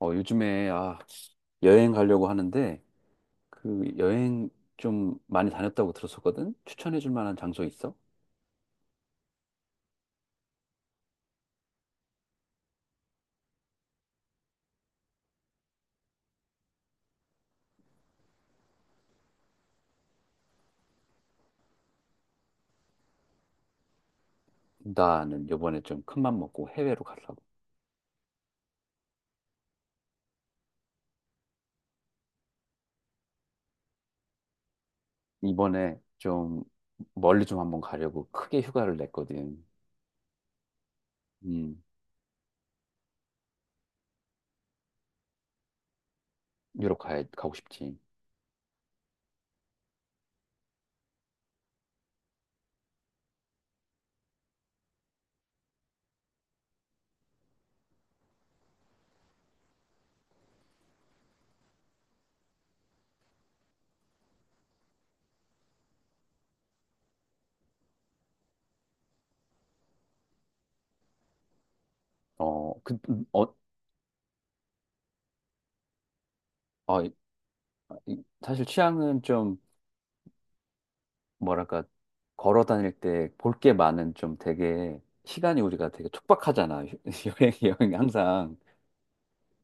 요즘에, 여행 가려고 하는데, 그 여행 좀 많이 다녔다고 들었었거든? 추천해줄 만한 장소 있어? 나는 요번에 좀 큰 맘 먹고 해외로 가려고. 이번에 좀 멀리 좀 한번 가려고 크게 휴가를 냈거든. 음, 유럽 가고 싶지. 어, 그, 음, 어, 어, 이- 사실 취향은 좀, 뭐랄까, 걸어 다닐 때 볼 게 많은 좀 되게, 시간이 우리가 되게 촉박하잖아. 여행이 항상.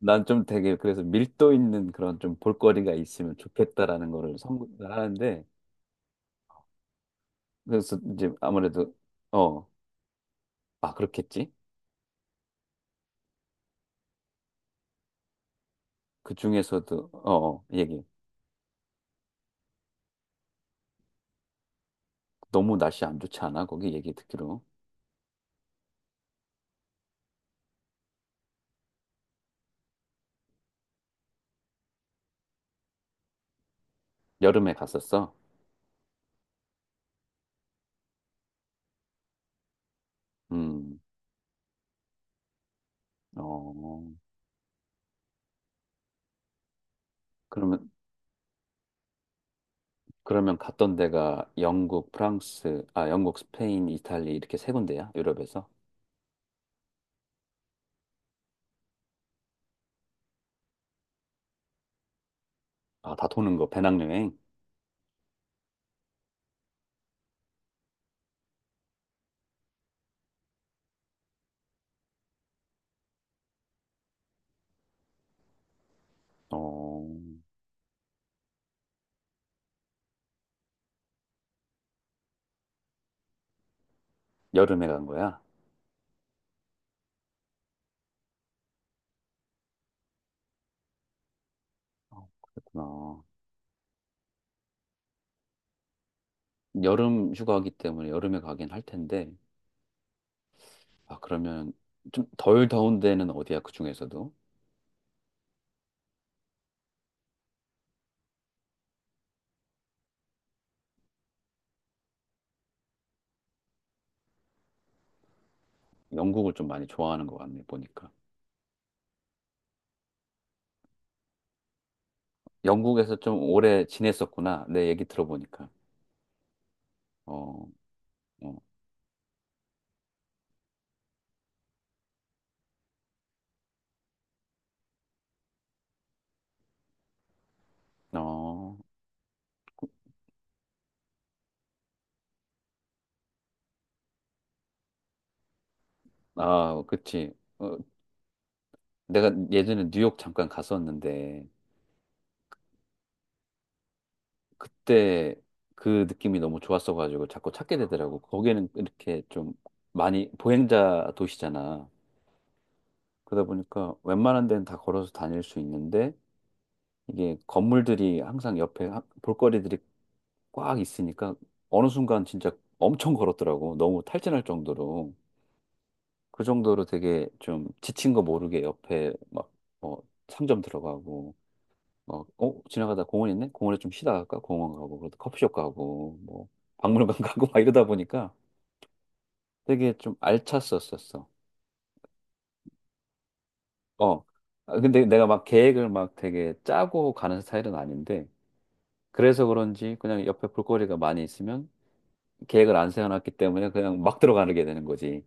난 좀 되게 그래서 밀도 있는 그런 좀 볼거리가 있으면 좋겠다라는 거를 선택을 하는데 그래서 이제 아무래도. 어, 그렇겠지? 그 중에서도 얘기. 너무 날씨 안 좋지 않아? 거기 얘기 듣기로 여름에 갔었어. 음, 어, 그러면 그러면 갔던 데가 영국, 프랑스, 아 영국, 스페인, 이탈리 이렇게 세 군데야, 유럽에서. 다 도는 거, 배낭여행. 어, 여름에 간 거야? 어, 그렇구나. 여름 휴가기 때문에 여름에 가긴 할 텐데, 아, 그러면 좀 덜 더운 데는 어디야, 그 중에서도? 영국을 좀 많이 좋아하는 것 같네, 보니까. 영국에서 좀 오래 지냈었구나, 내 얘기 들어보니까. 어, 어, 어, 아, 그치. 어, 내가 예전에 뉴욕 잠깐 갔었는데, 그때 그 느낌이 너무 좋았어가지고 자꾸 찾게 되더라고. 거기는 이렇게 좀 많이 보행자 도시잖아. 그러다 보니까 웬만한 데는 다 걸어서 다닐 수 있는데, 이게 건물들이 항상 옆에 볼거리들이 꽉 있으니까 어느 순간 진짜 엄청 걸었더라고. 너무 탈진할 정도로. 그 정도로 되게 좀 지친 거 모르게 옆에 막, 어, 상점 들어가고, 막, 지나가다 공원 있네? 공원에 좀 쉬다 갈까? 공원 가고, 그래도 커피숍 가고, 뭐, 박물관 가고 막 이러다 보니까 되게 좀 알찼었었어. 어. 아, 근데 내가 막 계획을 막 되게 짜고 가는 스타일은 아닌데, 그래서 그런지 그냥 옆에 볼거리가 많이 있으면 계획을 안 세워놨기 때문에 그냥 막 들어가게 되는 거지.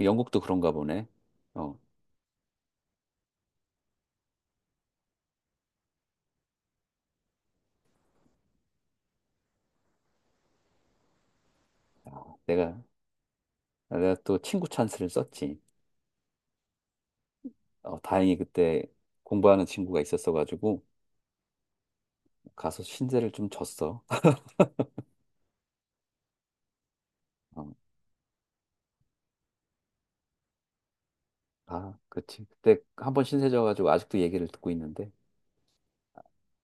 영국도 그런가 보네. 어, 내가, 내가 또 친구 찬스를 썼지. 다행히 그때 공부하는 친구가 있었어가지고 가서 신세를 좀 졌어. 어, 아, 그치. 그때 한 번 신세 져가지고 아직도 얘기를 듣고 있는데.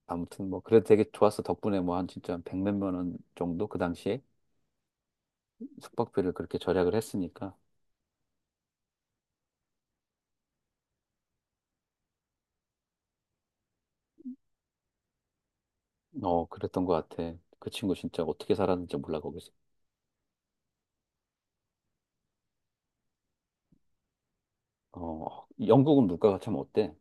아무튼 뭐 그래도 되게 좋았어. 덕분에 뭐 한 진짜 백몇만 원 정도 그 당시에 숙박비를 그렇게 절약을 했으니까. 어, 그랬던 것 같아. 그 친구 진짜 어떻게 살았는지 몰라, 거기서. 영국은 물가가 참 어때?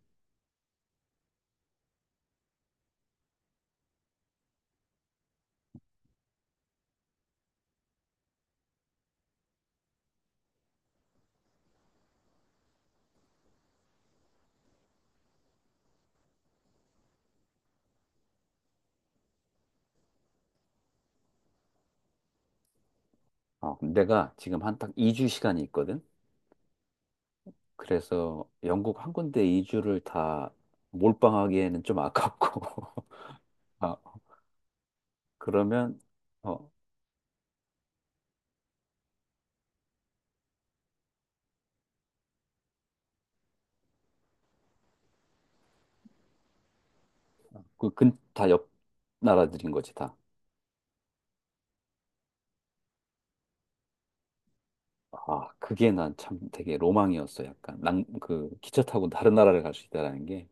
내가 지금 한 딱 2주 시간이 있거든. 그래서 영국 한 군데 2주를 다 몰빵하기에는 좀 아깝고. 아, 그러면. 어, 그 근 다 옆 나라들인 거지, 다. 아, 그게 난 참 되게 로망이었어. 약간 그 기차 타고 다른 나라를 갈 수 있다라는 게.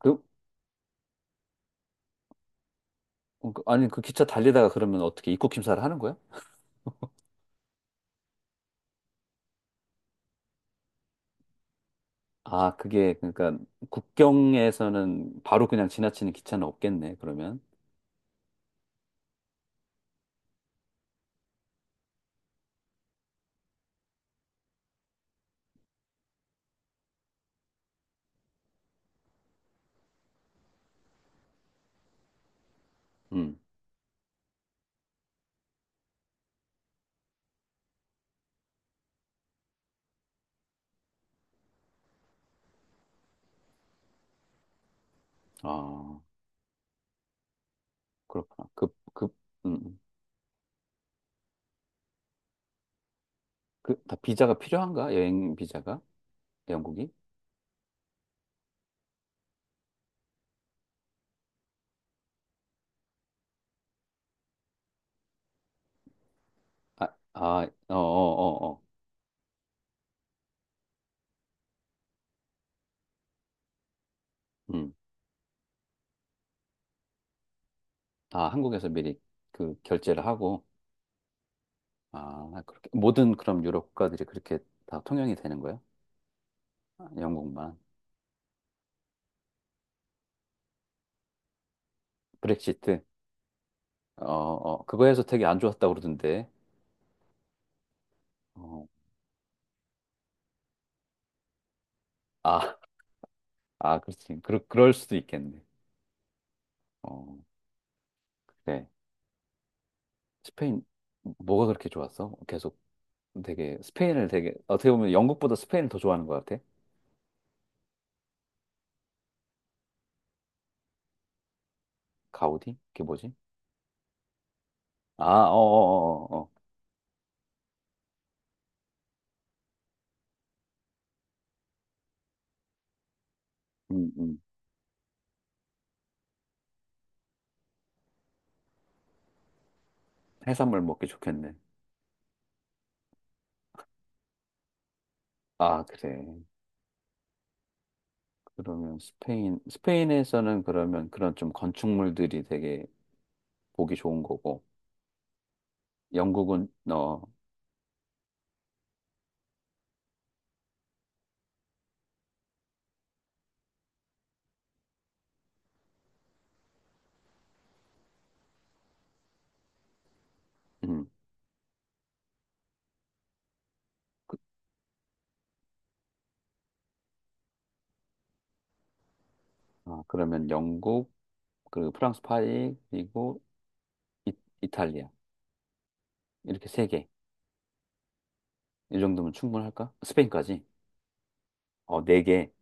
그 아니 그 기차 달리다가 그러면 어떻게 입국 심사를 하는 거야? 아, 그게 그러니까 국경에서는 바로 그냥 지나치는 기차는 없겠네, 그러면. 음. 아. 그렇구나. 음, 음. 다 비자가 필요한가? 여행 비자가? 영국이? 아, 아, 어, 어, 어, 어. 음. 아, 한국에서 미리 그 결제를 하고, 아, 그렇게. 모든 그럼 유럽 국가들이 그렇게 다 통용이 되는 거야? 아, 영국만. 브렉시트. 그거에서 되게 안 좋았다고 그러던데. 어, 아, 아, 그렇지. 그럴 수도 있겠네. 어, 그래. 스페인, 뭐가 그렇게 좋았어? 계속 되게, 스페인을 되게, 어떻게 보면 영국보다 스페인을 더 좋아하는 것 같아. 가우디? 그게 뭐지? 아, 어어어어. 음, 음. 해산물 먹기 좋겠네. 아, 그래. 그러면 스페인에서는 그러면 그런 좀 건축물들이 되게 보기 좋은 거고, 영국은, 음. 그- 아, 그러면 영국, 그리고 프랑스 파리, 그리고 이, 이탈리아. 이렇게 세 개. 이 정도면 충분할까? 스페인까지? 어, 네 개.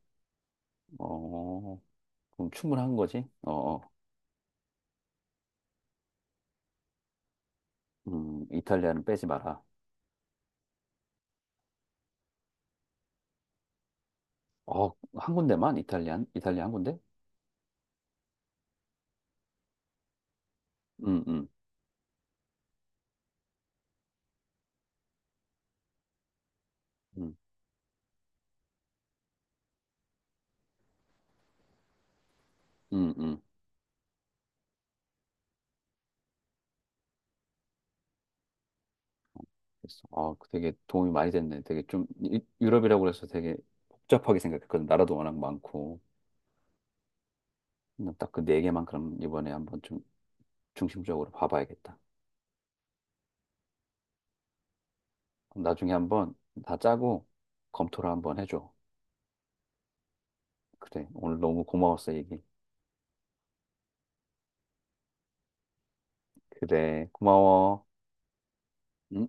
어, 그럼 충분한 거지? 어, 어. 이탈리아는 빼지 마라. 어, 한 군데만? 이탈리안? 이탈리아 한 군데? 음, 음, 음, 음, 음. 그래서 아, 그 되게 도움이 많이 됐네. 되게 좀 유럽이라고 그래서 되게 복잡하게 생각했거든. 나라도 워낙 많고. 딱 그 네 개만 그럼 이번에 한번 좀 중심적으로 봐봐야겠다. 그럼 나중에 한번 다 짜고 검토를 한번 해줘. 그래. 오늘 너무 고마웠어, 얘기. 그래. 고마워. 음.